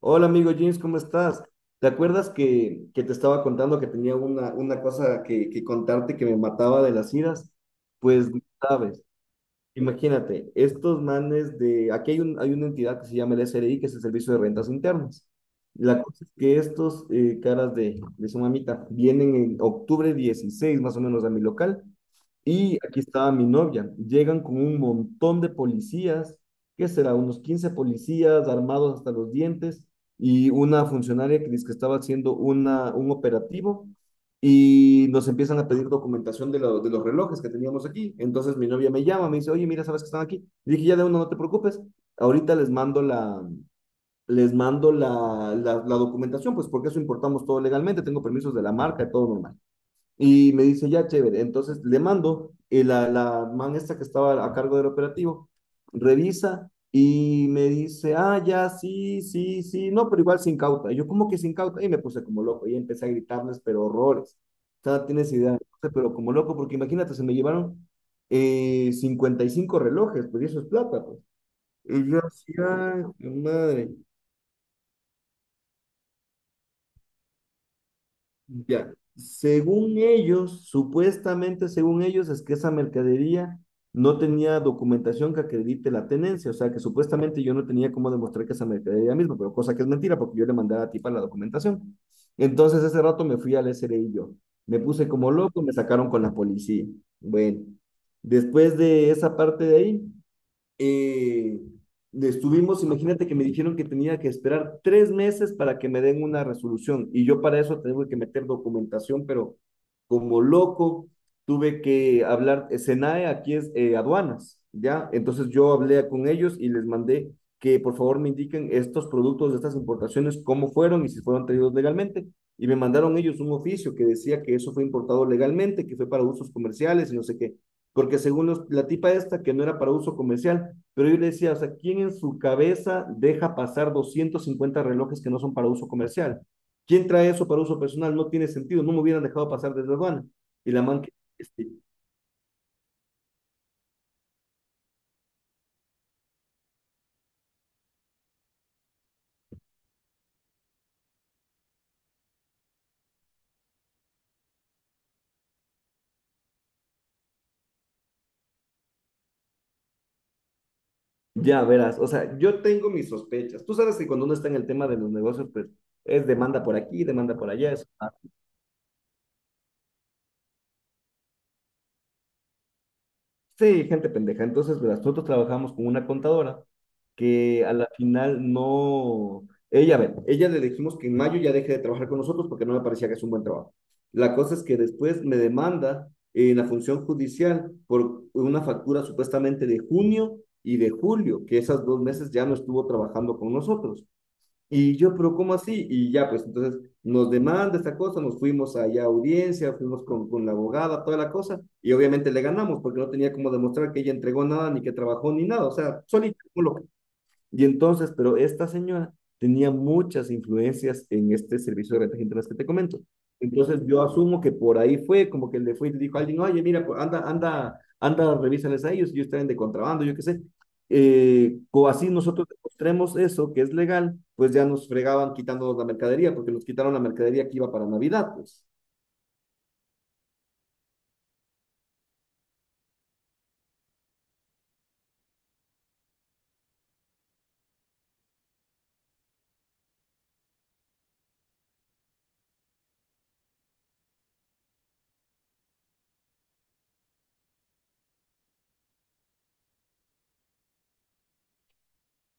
Hola amigo James, ¿cómo estás? ¿Te acuerdas que te estaba contando que tenía una cosa que contarte que me mataba de las iras? Pues no sabes. Imagínate, estos manes de, aquí hay, un, hay una entidad que se llama el SRI, que es el Servicio de Rentas Internas. La cosa es que estos caras de su mamita vienen en 16 de octubre más o menos a mi local y aquí estaba mi novia. Llegan con un montón de policías, ¿qué será? Unos 15 policías armados hasta los dientes y una funcionaria que dice que estaba haciendo un operativo y nos empiezan a pedir documentación de, de los relojes que teníamos aquí. Entonces mi novia me llama, me dice, oye, mira, ¿sabes que están aquí? Le dije, ya de uno, no te preocupes, ahorita les mando la documentación, pues porque eso importamos todo legalmente, tengo permisos de la marca y todo normal. Y me dice, ya, chévere. Entonces le mando, y la man esta que estaba a cargo del operativo, revisa y me dice, ah, ya, sí, sí, sí, no, pero igual sin cauta. Y yo, ¿cómo que sin cauta? Y me puse como loco y empecé a gritarles, pero horrores. O sea, no tienes idea, pero como loco, porque imagínate, se me llevaron 55 relojes, pues y eso es plata, pues. Y yo así, ay, madre. Ya, según ellos, supuestamente según ellos, es que esa mercadería no tenía documentación que acredite la tenencia, o sea que supuestamente yo no tenía cómo demostrar que esa mercadería misma, pero cosa que es mentira porque yo le mandé a la tipa la documentación. Entonces ese rato me fui al SRI yo, me puse como loco, me sacaron con la policía. Bueno, después de esa parte de ahí, eh, estuvimos, imagínate que me dijeron que tenía que esperar 3 meses para que me den una resolución y yo para eso tengo que meter documentación, pero como loco tuve que hablar, SENAE aquí es aduanas, ¿ya? Entonces yo hablé con ellos y les mandé que por favor me indiquen estos productos de estas importaciones, cómo fueron y si fueron traídos legalmente. Y me mandaron ellos un oficio que decía que eso fue importado legalmente, que fue para usos comerciales y no sé qué porque según los, la tipa esta, que no era para uso comercial, pero yo le decía, o sea, ¿quién en su cabeza deja pasar 250 relojes que no son para uso comercial? ¿Quién trae eso para uso personal? No tiene sentido, no me hubieran dejado pasar desde aduana. Y la man, que... este, ya verás, o sea, yo tengo mis sospechas. Tú sabes que cuando uno está en el tema de los negocios, pues es demanda por aquí, demanda por allá, eso. Sí, gente pendeja. Entonces, verás, nosotros trabajamos con una contadora que a la final no... Ella, a ver, ella le dijimos que en mayo ya deje de trabajar con nosotros porque no me parecía que es un buen trabajo. La cosa es que después me demanda en la función judicial por una factura supuestamente de junio y de julio, que esas dos meses ya no estuvo trabajando con nosotros. Y yo, pero ¿cómo así? Y ya, pues entonces nos demanda esta cosa, nos fuimos allá a audiencia, fuimos con la abogada, toda la cosa, y obviamente le ganamos porque no tenía como demostrar que ella entregó nada, ni que trabajó, ni nada, o sea, solito como lo. Y entonces, pero esta señora tenía muchas influencias en este servicio de rentas internas que te comento. Entonces yo asumo que por ahí fue, como que le fue y le dijo a alguien, oye, mira, pues, anda, anda, anda, revísales a ellos, ellos traen de contrabando, yo qué sé. O así nosotros demostremos eso, que es legal, pues ya nos fregaban quitándonos la mercadería, porque nos quitaron la mercadería que iba para Navidad, pues.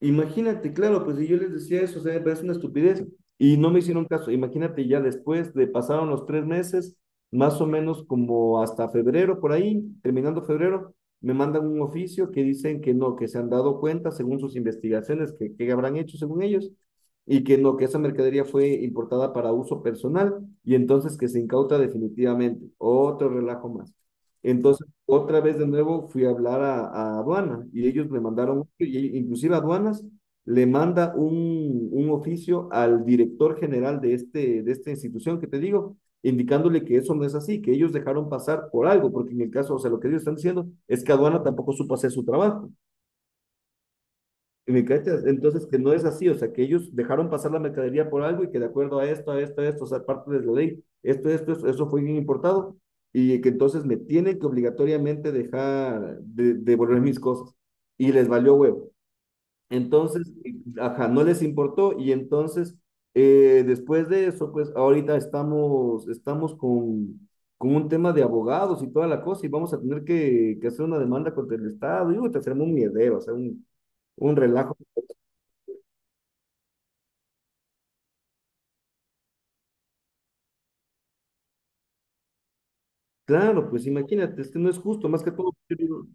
Imagínate, claro, pues si yo les decía eso, o sea, me parece una estupidez y no me hicieron caso. Imagínate ya después de pasaron los 3 meses, más o menos como hasta febrero, por ahí, terminando febrero, me mandan un oficio que dicen que no, que se han dado cuenta según sus investigaciones, que habrán hecho según ellos, y que no, que esa mercadería fue importada para uso personal y entonces que se incauta definitivamente. Otro relajo más. Entonces, otra vez de nuevo fui a hablar a aduana y ellos me mandaron, y e inclusive aduanas le manda un oficio al director general de, este, de esta institución que te digo, indicándole que eso no es así, que ellos dejaron pasar por algo, porque en el caso, o sea, lo que ellos están diciendo es que aduana tampoco supo hacer su trabajo. ¿Me cachas? Entonces, que no es así, o sea, que ellos dejaron pasar la mercadería por algo y que de acuerdo a esto, a esto, a esto, o sea, parte de la ley, esto, eso fue bien importado y que entonces me tienen que obligatoriamente dejar de, devolver mis cosas y les valió huevo. Entonces, ajá, no les importó y entonces, después de eso, pues ahorita estamos, estamos con un tema de abogados y toda la cosa y vamos a tener que hacer una demanda contra el Estado y uy, te hacemos un miedero, o sea, un relajo. Claro, pues imagínate, es que no es justo, más que todo, yo digo,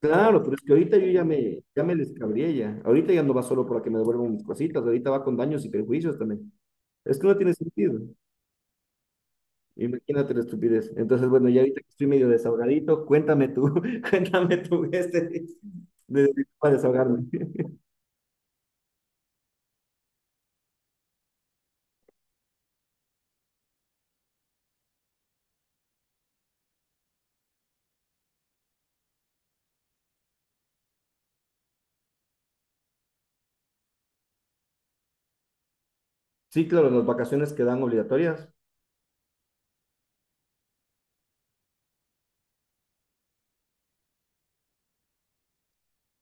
claro, pero es que ahorita yo ya me descabrié ya. Ahorita ya no va solo para que me devuelvan mis cositas, ahorita va con daños y perjuicios también. Es que no tiene sentido. Imagínate la estupidez. Entonces, bueno, ya ahorita que estoy medio desahogadito, cuéntame tú, cuéntame tú este para desahogarme. Sí, claro, las vacaciones quedan obligatorias.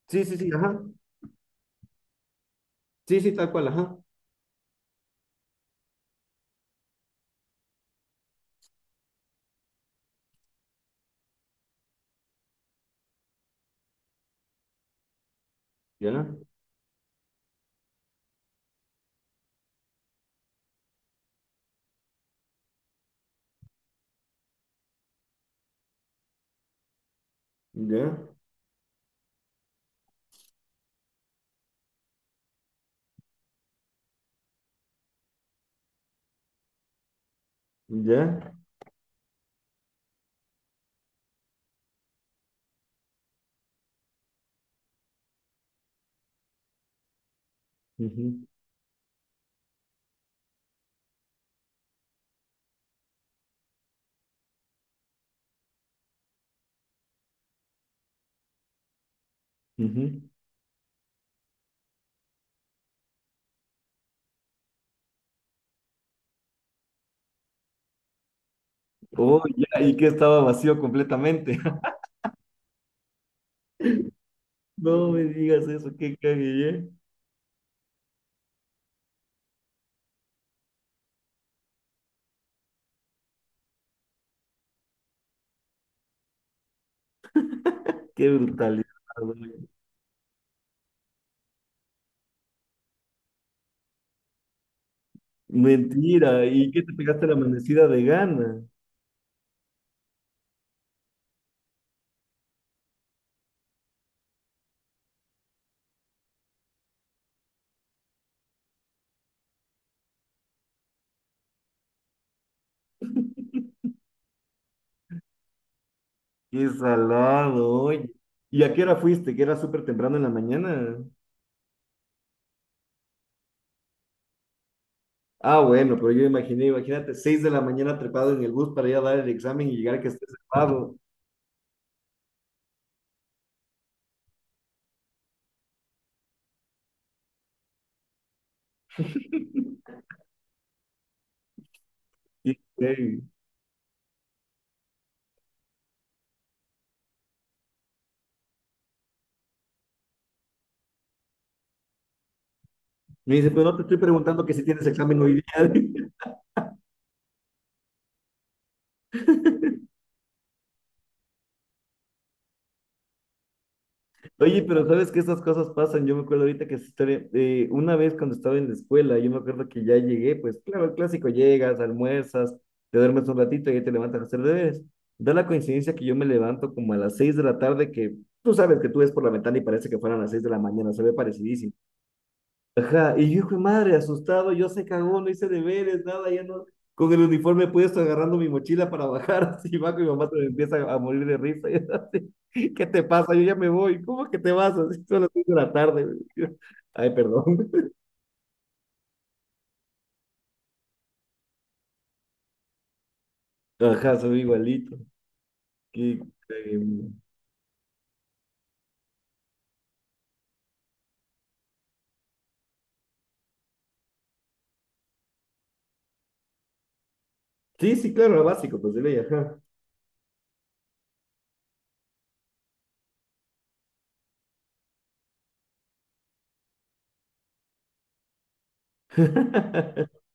Sí, sí, sí, ajá. Sí, sí, tal cual, ajá. Ya, ya, ya. Ujú, ujú. Oh, ya, y que estaba vacío completamente. No me digas eso, qué cague, ¿eh? Qué brutalidad, güey. Mentira, ¿y qué te pegaste la amanecida de gana? Qué salado, oye. ¿Y a qué hora fuiste? ¿Que era súper temprano en la mañana? Ah, bueno, pero yo imaginé, imagínate, 6 de la mañana trepado en el bus para ir a dar el examen y llegar a que esté cerrado. Y, güey, me dice, pero no te estoy preguntando que si tienes examen hoy día. Oye, pero sabes que estas cosas pasan. Yo me acuerdo ahorita que esa historia, una vez cuando estaba en la escuela, yo me acuerdo que ya llegué, pues claro, el clásico, llegas, almuerzas, te duermes un ratito y ya te levantas a hacer deberes. Da la coincidencia que yo me levanto como a las 6 de la tarde, que tú sabes que tú ves por la ventana y parece que fueran las 6 de la mañana, se ve parecidísimo. Ajá, y yo, hijo de madre, asustado, yo se cagó, no hice deberes, nada, ya no, con el uniforme puesto agarrando mi mochila para bajar, así bajo, y mi mamá se me empieza a morir de risa, y yo así, ¿qué te pasa? Yo ya me voy, ¿cómo que te vas? Así son las 6 de la tarde. Yo, ay, perdón, ajá, soy igualito. Qué- eh, sí, sí, claro, lo básico, pues, de ley, ajá,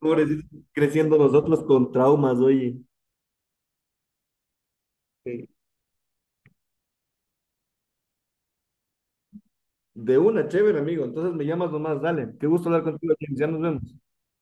pobrecito, creciendo nosotros con traumas, oye. Sí. De una, chévere, amigo, entonces me llamas nomás, dale, qué gusto hablar contigo, James, ya nos vemos.